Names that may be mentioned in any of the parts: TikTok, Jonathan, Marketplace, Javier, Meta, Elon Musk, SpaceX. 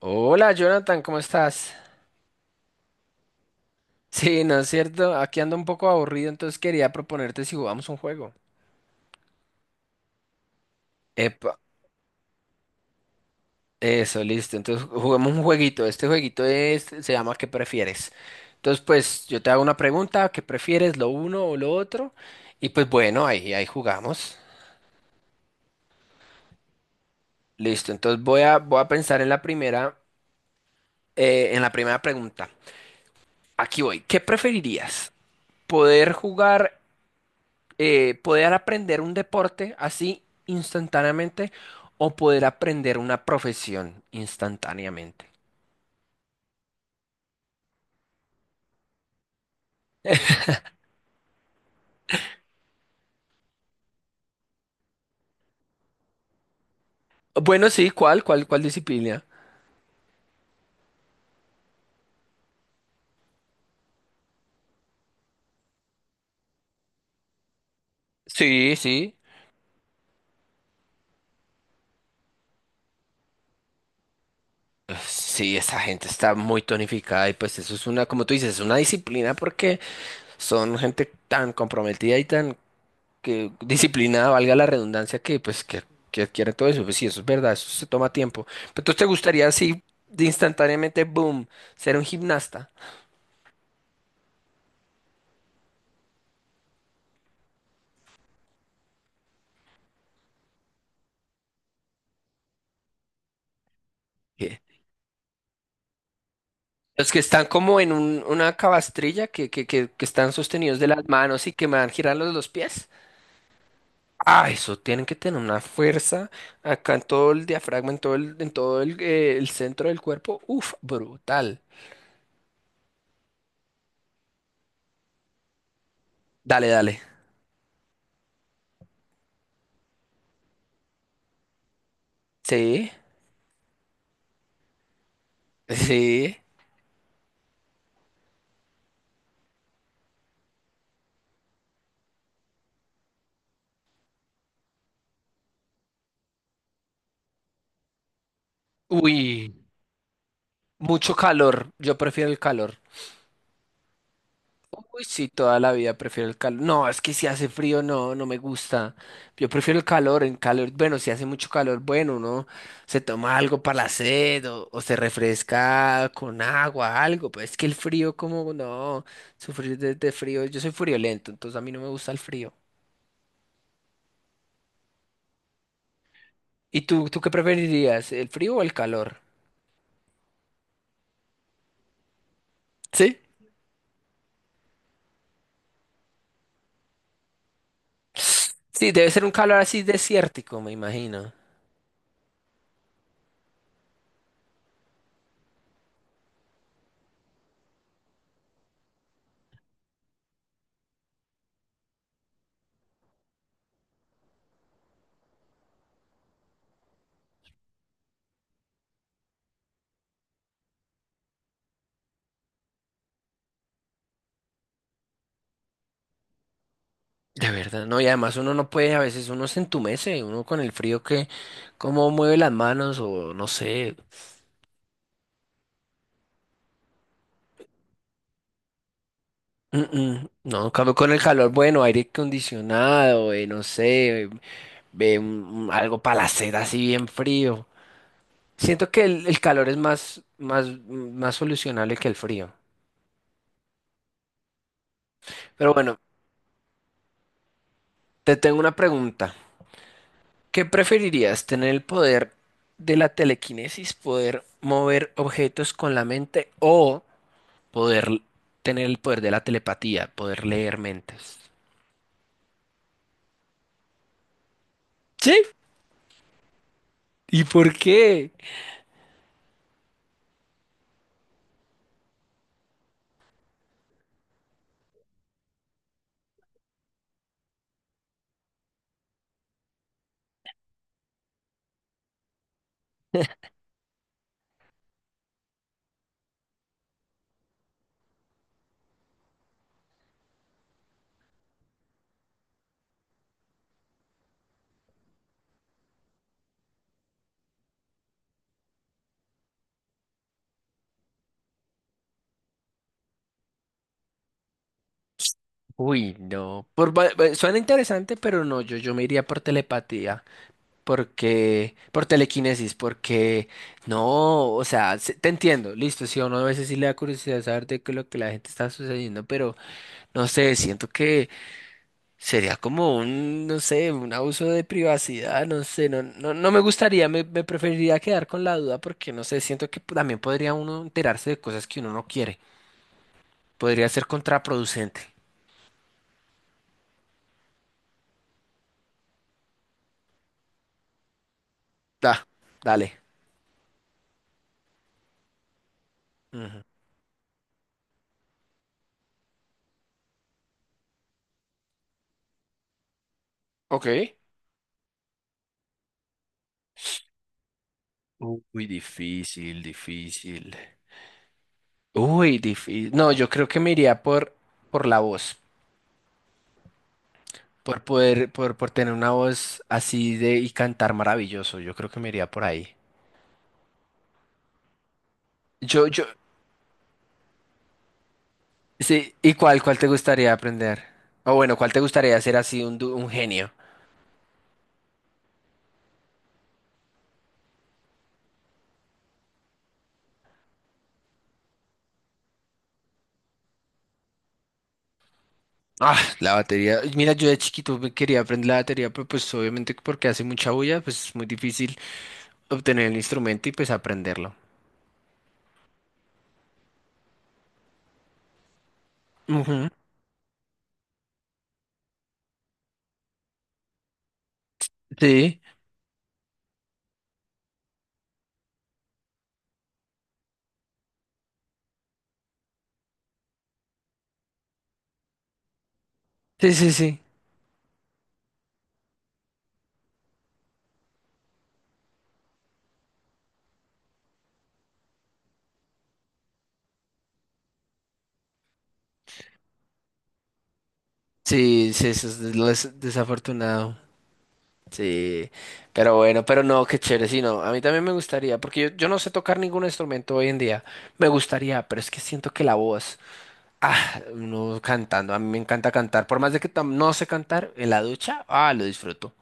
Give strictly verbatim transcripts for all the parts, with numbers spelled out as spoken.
Hola Jonathan, ¿cómo estás? Sí, ¿no es cierto? Aquí ando un poco aburrido, entonces quería proponerte si jugamos un juego. Epa, eso, listo. Entonces juguemos un jueguito. Este jueguito es, se llama ¿Qué prefieres? Entonces, pues yo te hago una pregunta, ¿qué prefieres, lo uno o lo otro? Y pues bueno, ahí, ahí jugamos. Listo, entonces voy a, voy a pensar en la primera, eh, en la primera pregunta. Aquí voy. ¿Qué preferirías? ¿Poder jugar eh, poder aprender un deporte así instantáneamente o poder aprender una profesión instantáneamente? Bueno, sí, ¿cuál? ¿Cuál? ¿Cuál disciplina? Sí, sí. Sí, esa gente está muy tonificada y pues eso es una, como tú dices, es una disciplina porque son gente tan comprometida y tan que disciplinada, valga la redundancia, que pues que, que adquiere todo eso. Pues sí, eso es verdad, eso se toma tiempo. Pero entonces te gustaría así de instantáneamente, boom, ser un gimnasta. Los que están como en un- una cabastrilla que, que, que, que están sostenidos de las manos y que me van girando los pies. Ah, eso tienen que tener una fuerza acá en todo el diafragma, en todo el, en todo el, eh, el centro del cuerpo. Uf, brutal. Dale, dale. Sí, sí. Uy, mucho calor. Yo prefiero el calor. Uy, sí, toda la vida prefiero el calor. No, es que si hace frío, no, no me gusta. Yo prefiero el calor, en calor, bueno, si hace mucho calor, bueno, uno se toma algo para la sed o, o se refresca con agua, algo, pero es que el frío, como, no, sufrir de, de frío, yo soy friolento, entonces a mí no me gusta el frío. ¿Y tú, tú qué preferirías, el frío o el calor? Sí. Sí, debe ser un calor así desértico, me imagino. De verdad, no, y además uno no puede, a veces uno se entumece, uno con el frío que, cómo mueve las manos o no sé. mm, mm, no, en cambio con el calor, bueno, aire acondicionado, eh, no sé, eh, ve un- un- algo para la sed así bien frío. Siento que el, el calor es más, más, más solucionable que el frío. Pero bueno, te tengo una pregunta. ¿Qué preferirías, tener el poder de la telequinesis, poder mover objetos con la mente o poder tener el poder de la telepatía, poder leer mentes? Sí. ¿Y por qué? Uy, no. Por, va- va- suena interesante, pero no, yo, yo me iría por telepatía, porque, por telequinesis, porque no, o sea, se- te entiendo, listo, si a uno a veces sí le da curiosidad saber de qué es lo que la gente está sucediendo, pero no sé, siento que sería como un, no sé, un abuso de privacidad, no sé, no, no, no me gustaría, me, me preferiría quedar con la duda porque, no sé, siento que también podría uno enterarse de cosas que uno no quiere. Podría ser contraproducente. Da, dale. Ujú. Ok. Uy, difícil, difícil. Uy, difícil. No, yo creo que me iría por, por la voz, por poder, por, por tener una voz así de y cantar maravilloso. Yo creo que me iría por ahí. Yo, yo, Sí, ¿y cuál, cuál te gustaría aprender? O bueno, ¿cuál te gustaría ser así un, du- un genio? Ah, la batería. Mira, yo de chiquito me quería aprender la batería, pero pues obviamente porque hace mucha bulla, pues es muy difícil obtener el instrumento y pues aprenderlo. Ujú. Sí, sí, sí, sí. Sí, sí, eso es lo des- desafortunado. Sí, pero bueno, pero no, qué chévere, sí, no. A mí también me gustaría, porque yo, yo no sé tocar ningún instrumento hoy en día. Me gustaría, pero es que siento que la voz. Ah, uno cantando, a mí me encanta cantar, por más de que tam- no sé cantar en la ducha, ah, lo disfruto.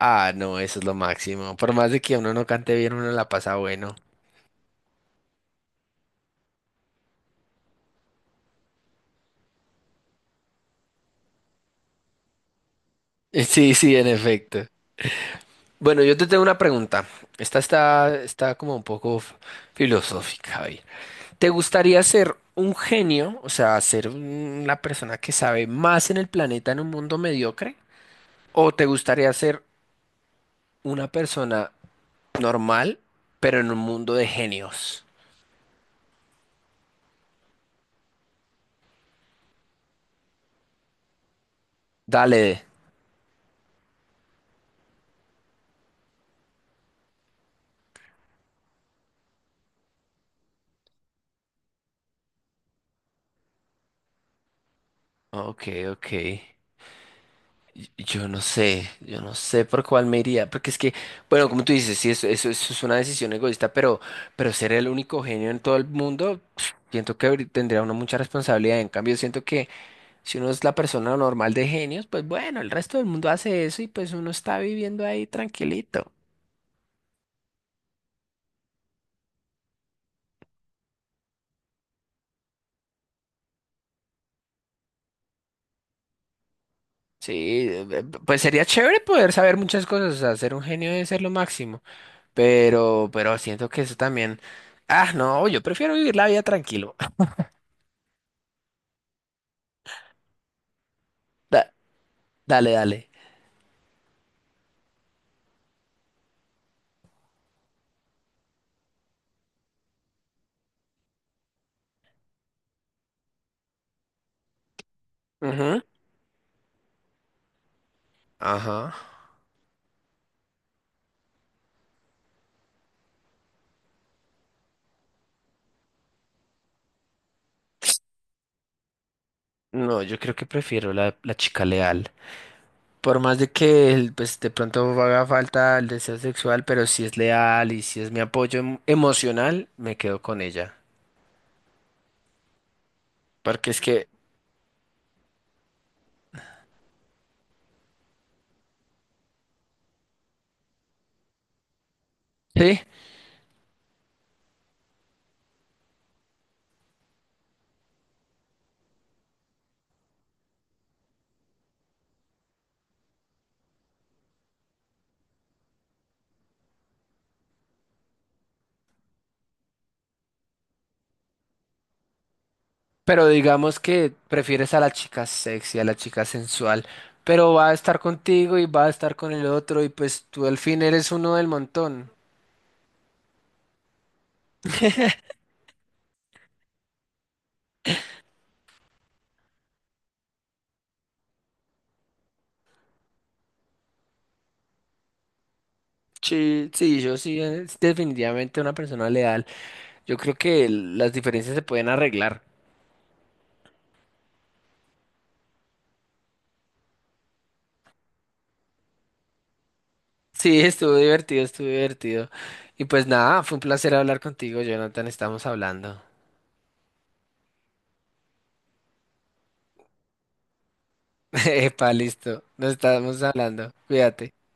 Ah, no, eso es lo máximo. Por más de que uno no cante bien, uno la pasa bueno. Sí, sí, en efecto. Bueno, yo te tengo una pregunta. Esta está, está como un poco f- filosófica, Javier. ¿Te gustaría ser un genio, o sea, ser un- una persona que sabe más en el planeta en un mundo mediocre? ¿O te gustaría ser una persona normal, pero en un mundo de genios? Dale. Ok, ok. Y- yo no sé, yo no sé por cuál me iría, porque es que, bueno, como tú dices, sí, eso, eso, eso es una decisión egoísta, pero, pero ser el único genio en todo el mundo, pf, siento que habrí- tendría uno mucha responsabilidad. En cambio, siento que si uno es la persona normal de genios, pues bueno, el resto del mundo hace eso y pues uno está viviendo ahí tranquilito. Sí, eh, eh, pues sería chévere poder saber muchas cosas, o sea, ser un genio debe ser lo máximo. Pero, pero siento que eso también. Ah, no, yo prefiero vivir la vida tranquilo. Da- dale, dale. Ujú. Ajá. No, yo creo que prefiero la, la chica leal. Por más de que el- pues, de pronto haga falta el deseo sexual, pero si es leal y si es mi apoyo em- emocional, me quedo con ella. Porque es que, sí, pero digamos que prefieres a la chica sexy, a la chica sensual, pero va a estar contigo y va a estar con el otro y pues tú al fin eres uno del montón. Sí, sí, yo sí, eh, es definitivamente una persona leal. Yo creo que el- las diferencias se pueden arreglar. Sí, estuvo divertido, estuvo divertido. Y pues nada, fue un placer hablar contigo, Jonathan. Estamos hablando. Epa, listo. Nos estamos hablando. Cuídate.